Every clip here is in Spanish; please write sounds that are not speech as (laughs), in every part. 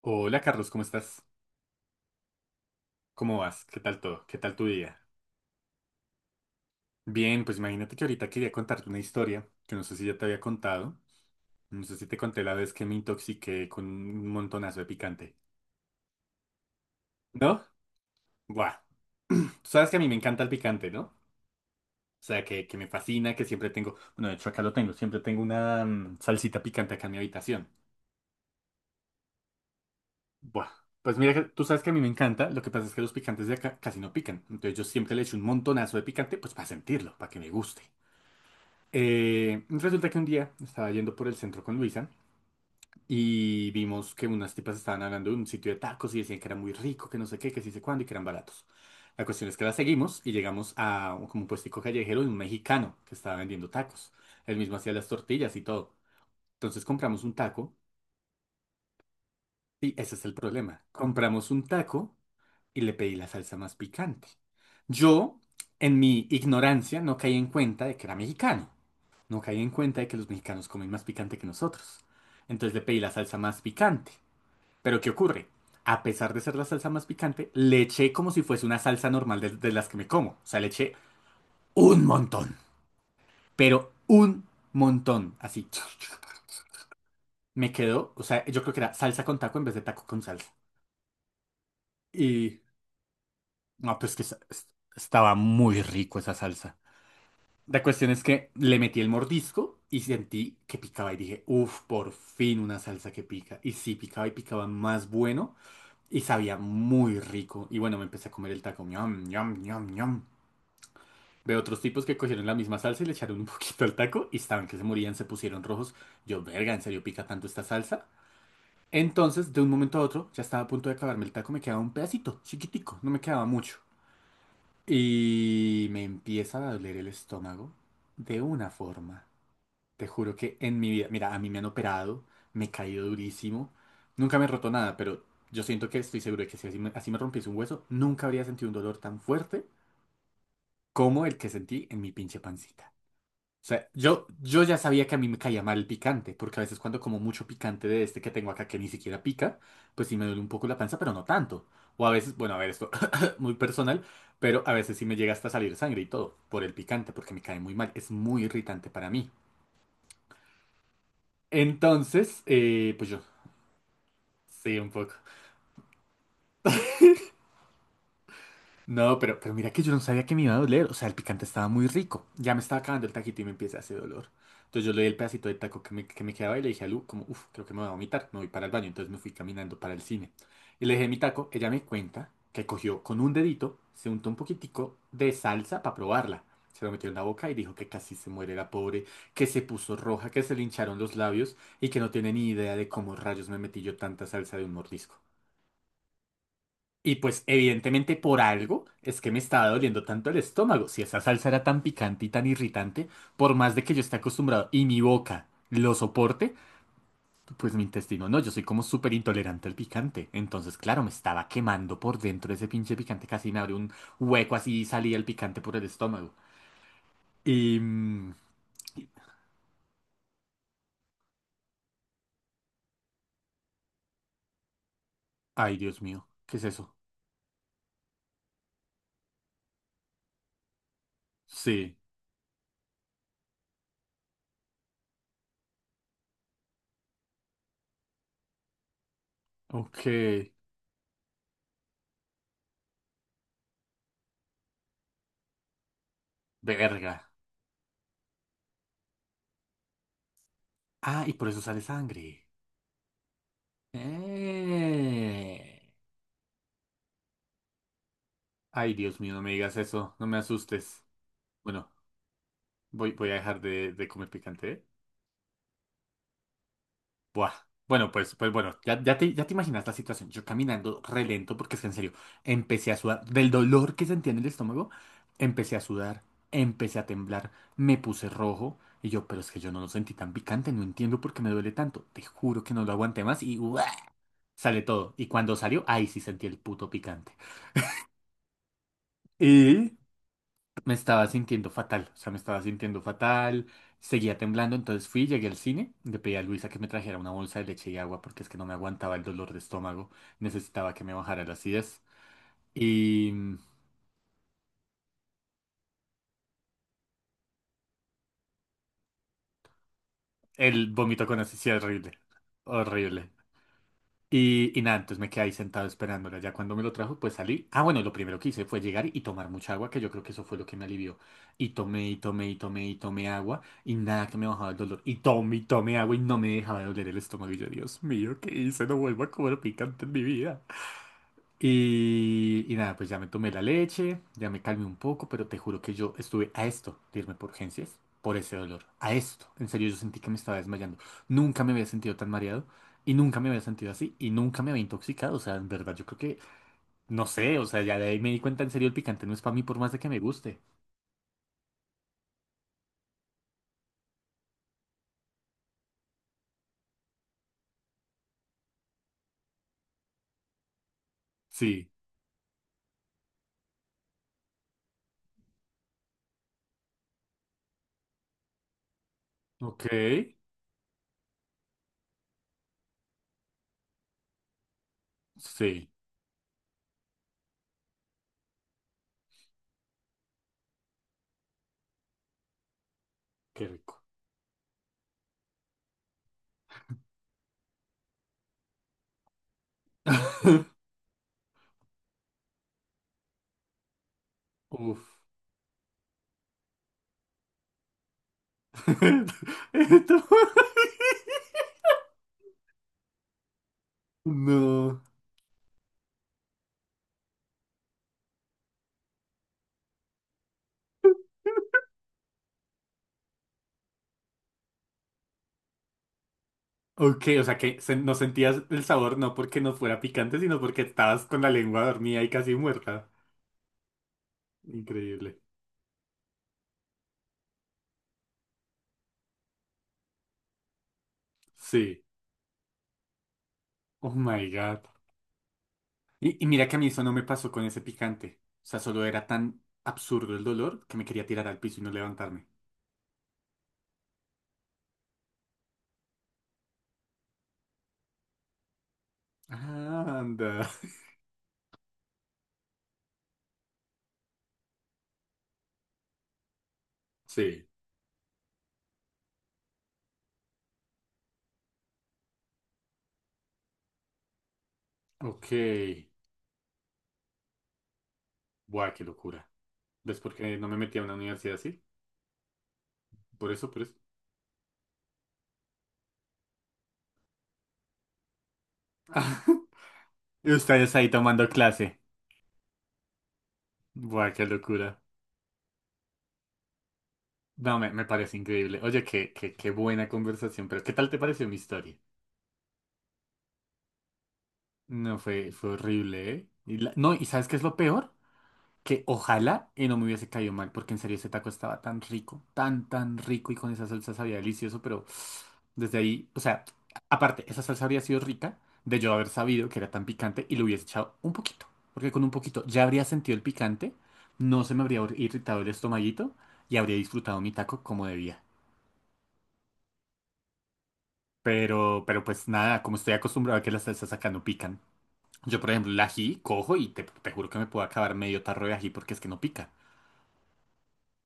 Hola Carlos, ¿cómo estás? ¿Cómo vas? ¿Qué tal todo? ¿Qué tal tu día? Bien, pues imagínate que ahorita quería contarte una historia que no sé si ya te había contado. No sé si te conté la vez que me intoxiqué con un montonazo de picante. ¿No? Buah. Tú sabes que a mí me encanta el picante, ¿no? O sea, que me fascina, que siempre tengo... Bueno, de hecho acá lo tengo. Siempre tengo una salsita picante acá en mi habitación. Buah. Pues mira, que tú sabes que a mí me encanta. Lo que pasa es que los picantes de acá casi no pican. Entonces yo siempre le echo un montonazo de picante, pues para sentirlo, para que me guste. Resulta que un día estaba yendo por el centro con Luisa y vimos que unas tipas estaban hablando de un sitio de tacos y decían que era muy rico, que no sé qué, que sí sé cuándo y que eran baratos. La cuestión es que la seguimos y llegamos a como un puestico callejero de un mexicano que estaba vendiendo tacos. Él mismo hacía las tortillas y todo. Entonces compramos un taco y ese es el problema. Compramos un taco y le pedí la salsa más picante. Yo, en mi ignorancia, no caí en cuenta de que era mexicano. No caí en cuenta de que los mexicanos comen más picante que nosotros. Entonces le pedí la salsa más picante. Pero ¿qué ocurre? A pesar de ser la salsa más picante, le eché como si fuese una salsa normal de las que me como. O sea, le eché un montón. Pero un montón. Así. Me quedó, o sea, yo creo que era salsa con taco en vez de taco con salsa. Y... No, pues que estaba muy rico esa salsa. La cuestión es que le metí el mordisco y sentí que picaba y dije, uff, por fin una salsa que pica. Y sí, picaba y picaba más bueno y sabía muy rico. Y bueno, me empecé a comer el taco. Ñam, ñam, ñam, ñam. Veo otros tipos que cogieron la misma salsa y le echaron un (laughs) poquito al taco y estaban que se morían, se pusieron rojos. Yo, verga, ¿en serio pica tanto esta salsa? Entonces, de un momento a otro, ya estaba a punto de acabarme el taco, me quedaba un pedacito, chiquitico, no me quedaba mucho. Y me empieza a doler el estómago de una forma. Te juro que en mi vida, mira, a mí me han operado, me he caído durísimo, nunca me he roto nada, pero yo siento que estoy seguro de que si así me rompiese un hueso, nunca habría sentido un dolor tan fuerte como el que sentí en mi pinche pancita. O sea, yo ya sabía que a mí me caía mal el picante, porque a veces cuando como mucho picante de este que tengo acá que ni siquiera pica, pues sí me duele un poco la panza, pero no tanto. O a veces, bueno, a ver, esto (laughs) muy personal, pero a veces sí me llega hasta salir sangre y todo por el picante, porque me cae muy mal, es muy irritante para mí. Entonces, pues yo. Sí, un poco. No, pero mira que yo no sabía que me iba a doler. O sea, el picante estaba muy rico. Ya me estaba acabando el taquito y me empieza a hacer dolor. Entonces yo le di el pedacito de taco que me quedaba y le dije a Lu, como, uff, creo que me voy a vomitar, me voy para el baño. Entonces me fui caminando para el cine. Y le dejé mi taco. Ella me cuenta que cogió con un dedito, se untó un poquitico de salsa para probarla. Se lo metió en la boca y dijo que casi se muere la pobre, que se puso roja, que se le hincharon los labios y que no tiene ni idea de cómo rayos me metí yo tanta salsa de un mordisco. Y pues evidentemente por algo es que me estaba doliendo tanto el estómago. Si esa salsa era tan picante y tan irritante, por más de que yo esté acostumbrado y mi boca lo soporte, pues mi intestino no, yo soy como súper intolerante al picante. Entonces, claro, me estaba quemando por dentro ese pinche picante, casi me abrió un hueco así y salía el picante por el estómago. Y... mm, Ay, Dios mío, ¿qué es eso? Sí, ok, verga. Ah, y por eso sale sangre. Eh. Ay, Dios mío, no me digas eso, no me asustes. Bueno, voy a dejar de comer picante, ¿eh? Buah. Bueno, pues bueno, ya te imaginas la situación. Yo caminando re lento, porque es que en serio, empecé a sudar. Del dolor que sentía en el estómago, empecé a sudar, empecé a temblar, me puse rojo. Y yo, pero es que yo no lo sentí tan picante, no entiendo por qué me duele tanto. Te juro que no lo aguanté más y ¡buah! Sale todo. Y cuando salió, ahí sí sentí el puto picante. Y me estaba sintiendo fatal, o sea, me estaba sintiendo fatal, seguía temblando, entonces fui, llegué al cine, le pedí a Luisa que me trajera una bolsa de leche y agua porque es que no me aguantaba el dolor de estómago, necesitaba que me bajara la acidez y el vómito con acidez sí, horrible, horrible. Y nada, entonces me quedé ahí sentado esperándola. Ya cuando me lo trajo, pues salí. Ah, bueno, lo primero que hice fue llegar y tomar mucha agua, que yo creo que eso fue lo que me alivió. Y tomé, y tomé, y tomé, y tomé agua, y nada que me bajaba el dolor. Y tomé agua, y no me dejaba de doler el estómago. Y yo, Dios mío, ¿qué hice? No vuelvo a comer picante en mi vida. Y nada, pues ya me tomé la leche, ya me calmé un poco, pero te juro que yo estuve a esto de irme por urgencias, por ese dolor, a esto. En serio, yo sentí que me estaba desmayando. Nunca me había sentido tan mareado y nunca me había sentido así y nunca me había intoxicado. O sea, en verdad, yo creo que, no sé, o sea, ya de ahí me di cuenta, en serio, el picante no es para mí por más de que me guste. Sí, ok, sí, qué rico. (laughs) Uf. (laughs) Esto- (laughs) No. Ok, o sea que no sentías el sabor no porque no fuera picante, sino porque estabas con la lengua dormida y casi muerta. Increíble. Sí. Oh my God. Y mira que a mí eso no me pasó con ese picante. O sea, solo era tan absurdo el dolor que me quería tirar al piso y no levantarme. Ah, anda. (laughs) Sí. Ok. Buah, qué locura. ¿Ves por qué no me metí a una universidad así? Por eso, por eso. (laughs) Y ustedes ahí tomando clase. Buah, qué locura. No, me parece increíble. Oye, qué buena conversación, pero ¿qué tal te pareció mi historia? No, fue horrible, ¿eh? No, ¿y sabes qué es lo peor? Que ojalá y no me hubiese caído mal, porque en serio ese taco estaba tan rico, tan, tan rico y con esa salsa sabía delicioso, pero desde ahí, o sea, aparte, esa salsa habría sido rica de yo haber sabido que era tan picante y le hubiese echado un poquito, porque con un poquito ya habría sentido el picante, no se me habría irritado el estomaguito y habría disfrutado mi taco como debía. Pero pues nada, como estoy acostumbrado a que las salsas acá no pican. Yo, por ejemplo, el ají cojo y te juro que me puedo acabar medio tarro de ají porque es que no pica.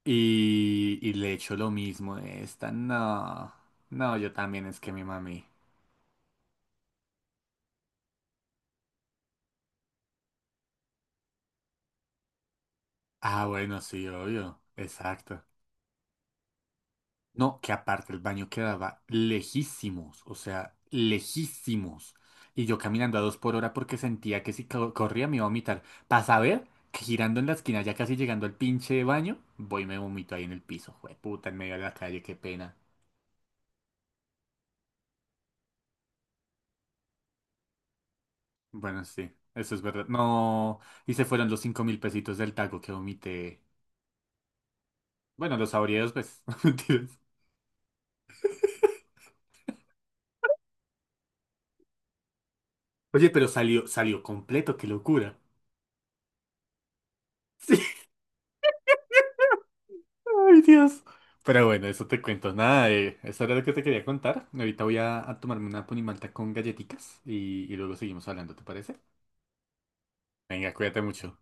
Y le echo lo mismo de esta. No, no, yo también es que mi mami. Ah, bueno, sí, obvio. Exacto. No, que aparte el baño quedaba lejísimos, o sea, lejísimos. Y yo caminando a dos por hora porque sentía que si corría me iba a vomitar. Para saber que girando en la esquina, ya casi llegando al pinche baño, voy y me vomito ahí en el piso. Puta, en medio de la calle, qué pena. Bueno, sí, eso es verdad. No, y se fueron los 5.000 pesitos del taco que vomité. Bueno, los saboreos, pues, (laughs) mentiras. Oye, pero salió, salió completo, qué locura. (laughs) Ay, Dios. Pero bueno, eso te cuento. Nada, eso era lo que te quería contar. Ahorita voy a tomarme una ponimalta con galletitas y luego seguimos hablando, ¿te parece? Venga, cuídate mucho.